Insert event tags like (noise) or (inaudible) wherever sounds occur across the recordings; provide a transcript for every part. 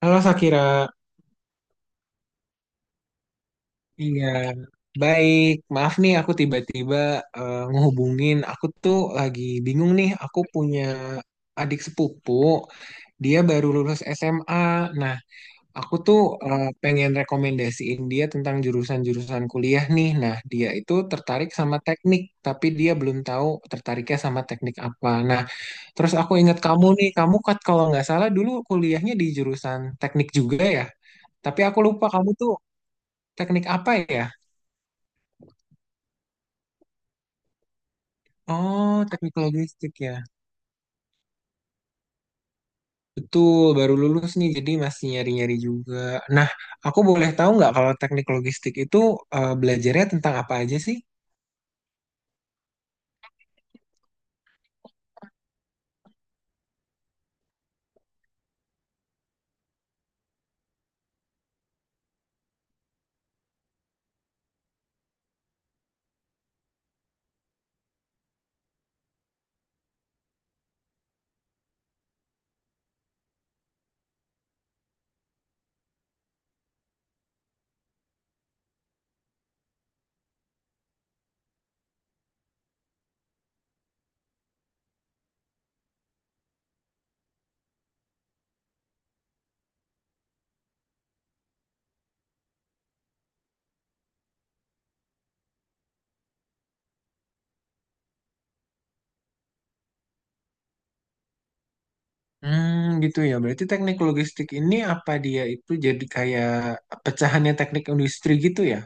Halo Sakira, iya baik. Maaf nih aku tiba-tiba ngehubungin. Aku tuh lagi bingung nih. Aku punya adik sepupu, dia baru lulus SMA. Nah, aku tuh pengen rekomendasiin dia tentang jurusan-jurusan kuliah nih. Nah, dia itu tertarik sama teknik, tapi dia belum tahu tertariknya sama teknik apa. Nah, terus aku ingat kamu nih. Kamu kat kalau nggak salah dulu kuliahnya di jurusan teknik juga ya. Tapi aku lupa kamu tuh teknik apa ya? Oh, teknik logistik ya. Betul, baru lulus nih, jadi masih nyari-nyari juga. Nah, aku boleh tahu nggak kalau teknik logistik itu belajarnya tentang apa aja sih? Hmm, gitu ya. Berarti teknik logistik ini apa dia itu jadi kayak pecahannya teknik industri gitu ya?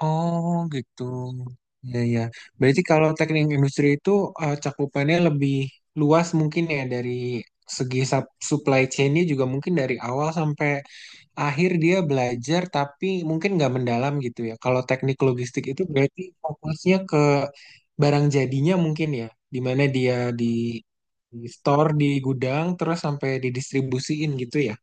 Oh, gitu. Ya, ya. Berarti kalau teknik industri itu cakupannya lebih luas mungkin ya dari segi supply chain-nya juga mungkin dari awal sampai akhir dia belajar tapi mungkin nggak mendalam gitu ya. Kalau teknik logistik itu berarti fokusnya ke barang jadinya mungkin ya, di mana dia di, di store di gudang terus sampai didistribusiin gitu ya.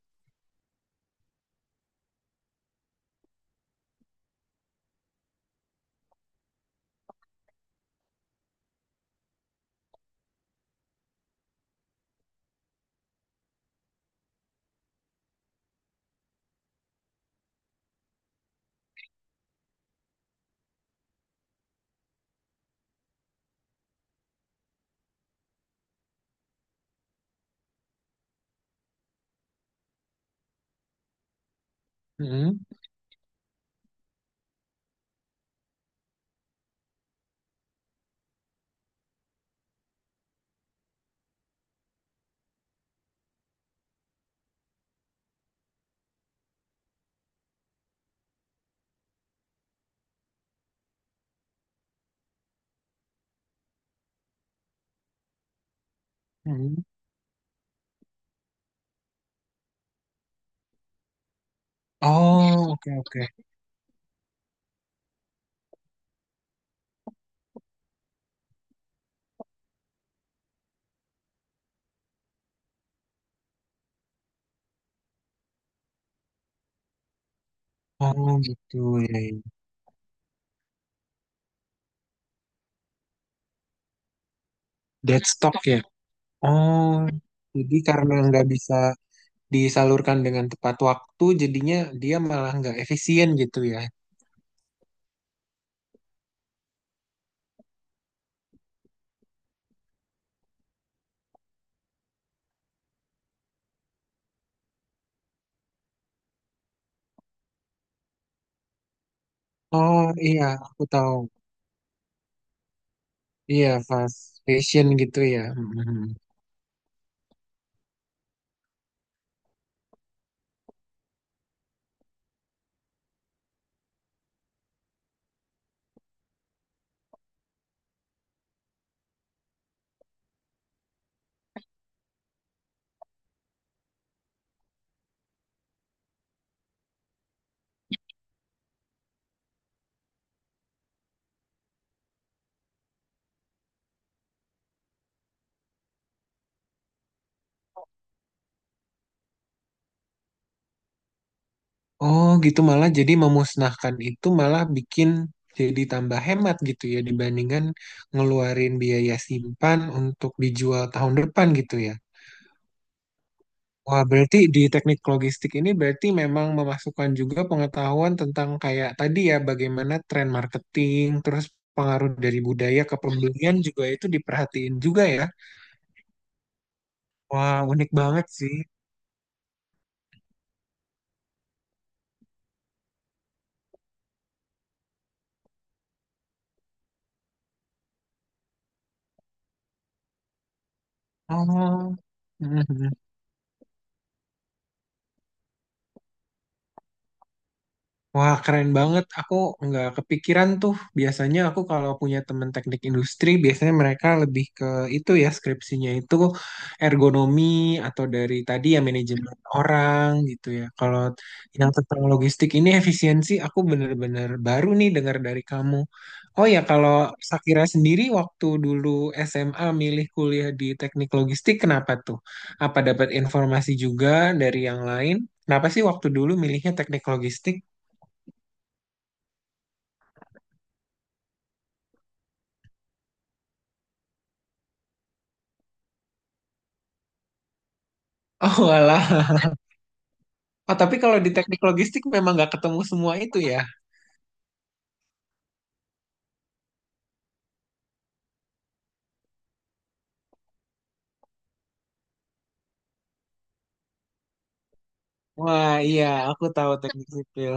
Mm-mm, mm-mm. Oh, oke, oke. Oh, gitu ya. Ya. Dead stock ya. Oh, jadi karena nggak bisa disalurkan dengan tepat waktu, jadinya dia malah nggak efisien gitu ya. Oh iya, aku tahu. Iya, fast fashion gitu ya. Mhm. Oh, gitu malah jadi memusnahkan itu malah bikin jadi tambah hemat gitu ya dibandingkan ngeluarin biaya simpan untuk dijual tahun depan gitu ya. Wah, berarti di teknik logistik ini berarti memang memasukkan juga pengetahuan tentang kayak tadi ya bagaimana tren marketing, terus pengaruh dari budaya ke pembelian juga itu diperhatiin juga ya. Wah, unik banget sih. Oh. (laughs) Wah, keren banget. Aku nggak kepikiran tuh. Biasanya aku kalau punya temen teknik industri, biasanya mereka lebih ke itu ya, skripsinya itu ergonomi atau dari tadi ya manajemen orang gitu ya. Kalau yang tentang logistik ini efisiensi, aku bener-bener baru nih dengar dari kamu. Oh ya, kalau Sakira sendiri waktu dulu SMA milih kuliah di teknik logistik, kenapa tuh? Apa dapat informasi juga dari yang lain? Kenapa sih waktu dulu milihnya teknik logistik? Oh alah. Oh, tapi kalau di teknik logistik memang nggak ketemu semua itu ya. Wah iya, aku tahu teknik sipil.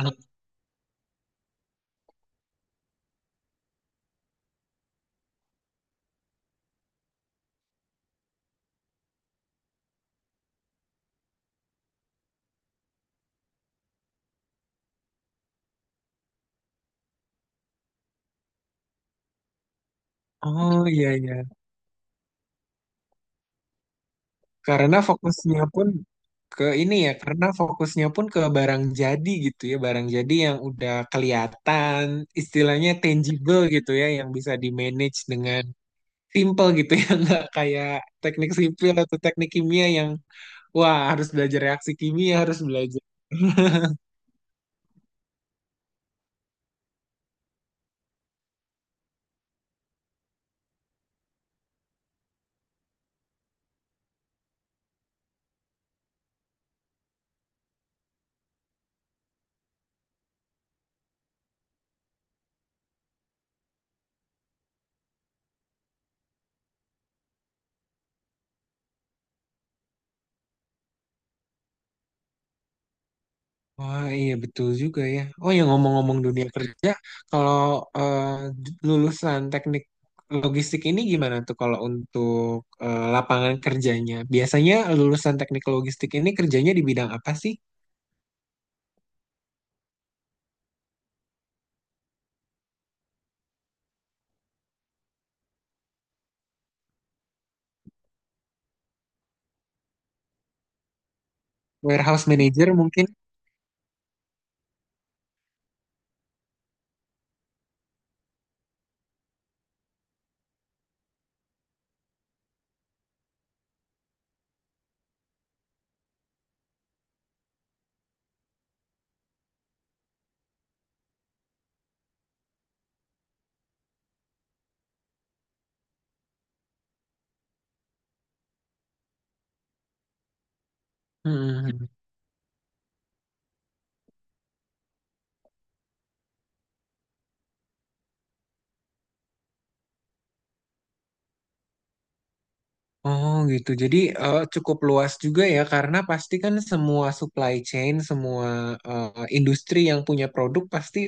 Oh iya, iya. Karena fokusnya pun ke ini ya, karena fokusnya pun ke barang jadi gitu ya, barang jadi yang udah kelihatan, istilahnya tangible gitu ya, yang bisa di-manage dengan simple gitu ya, (laughs) nggak kayak teknik sipil atau teknik kimia yang wah harus belajar reaksi kimia, harus belajar (laughs) Wah, iya betul juga ya. Oh ya ngomong-ngomong dunia kerja, kalau eh, lulusan teknik logistik ini gimana tuh kalau untuk lapangan kerjanya? Biasanya lulusan teknik logistik ini kerjanya di bidang apa sih? Warehouse manager mungkin? Hmm. Oh gitu. Jadi eh, cukup luas juga ya karena pasti kan semua supply chain, semua eh, industri yang punya produk pasti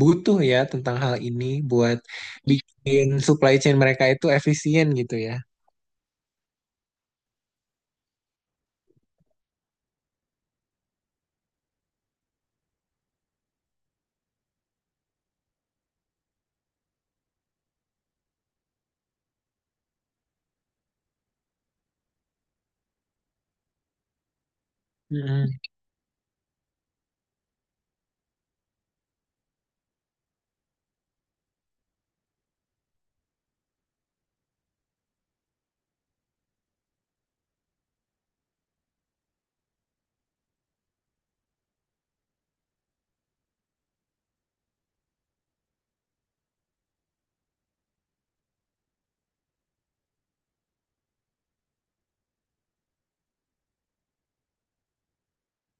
butuh ya tentang hal ini buat bikin supply chain mereka itu efisien gitu ya. Mm-mm.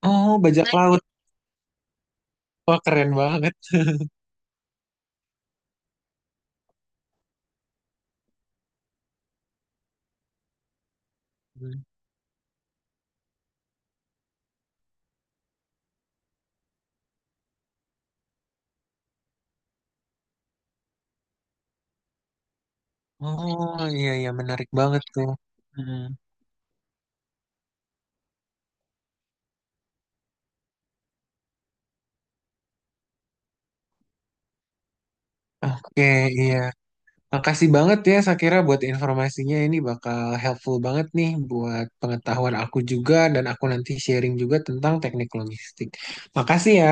Oh, bajak nah, laut. Wah, keren banget. Mm. Oh, iya iya menarik banget tuh. Mm. Oke, iya. Makasih banget ya Sakira buat informasinya ini bakal helpful banget nih buat pengetahuan aku juga dan aku nanti sharing juga tentang teknik logistik. Makasih ya.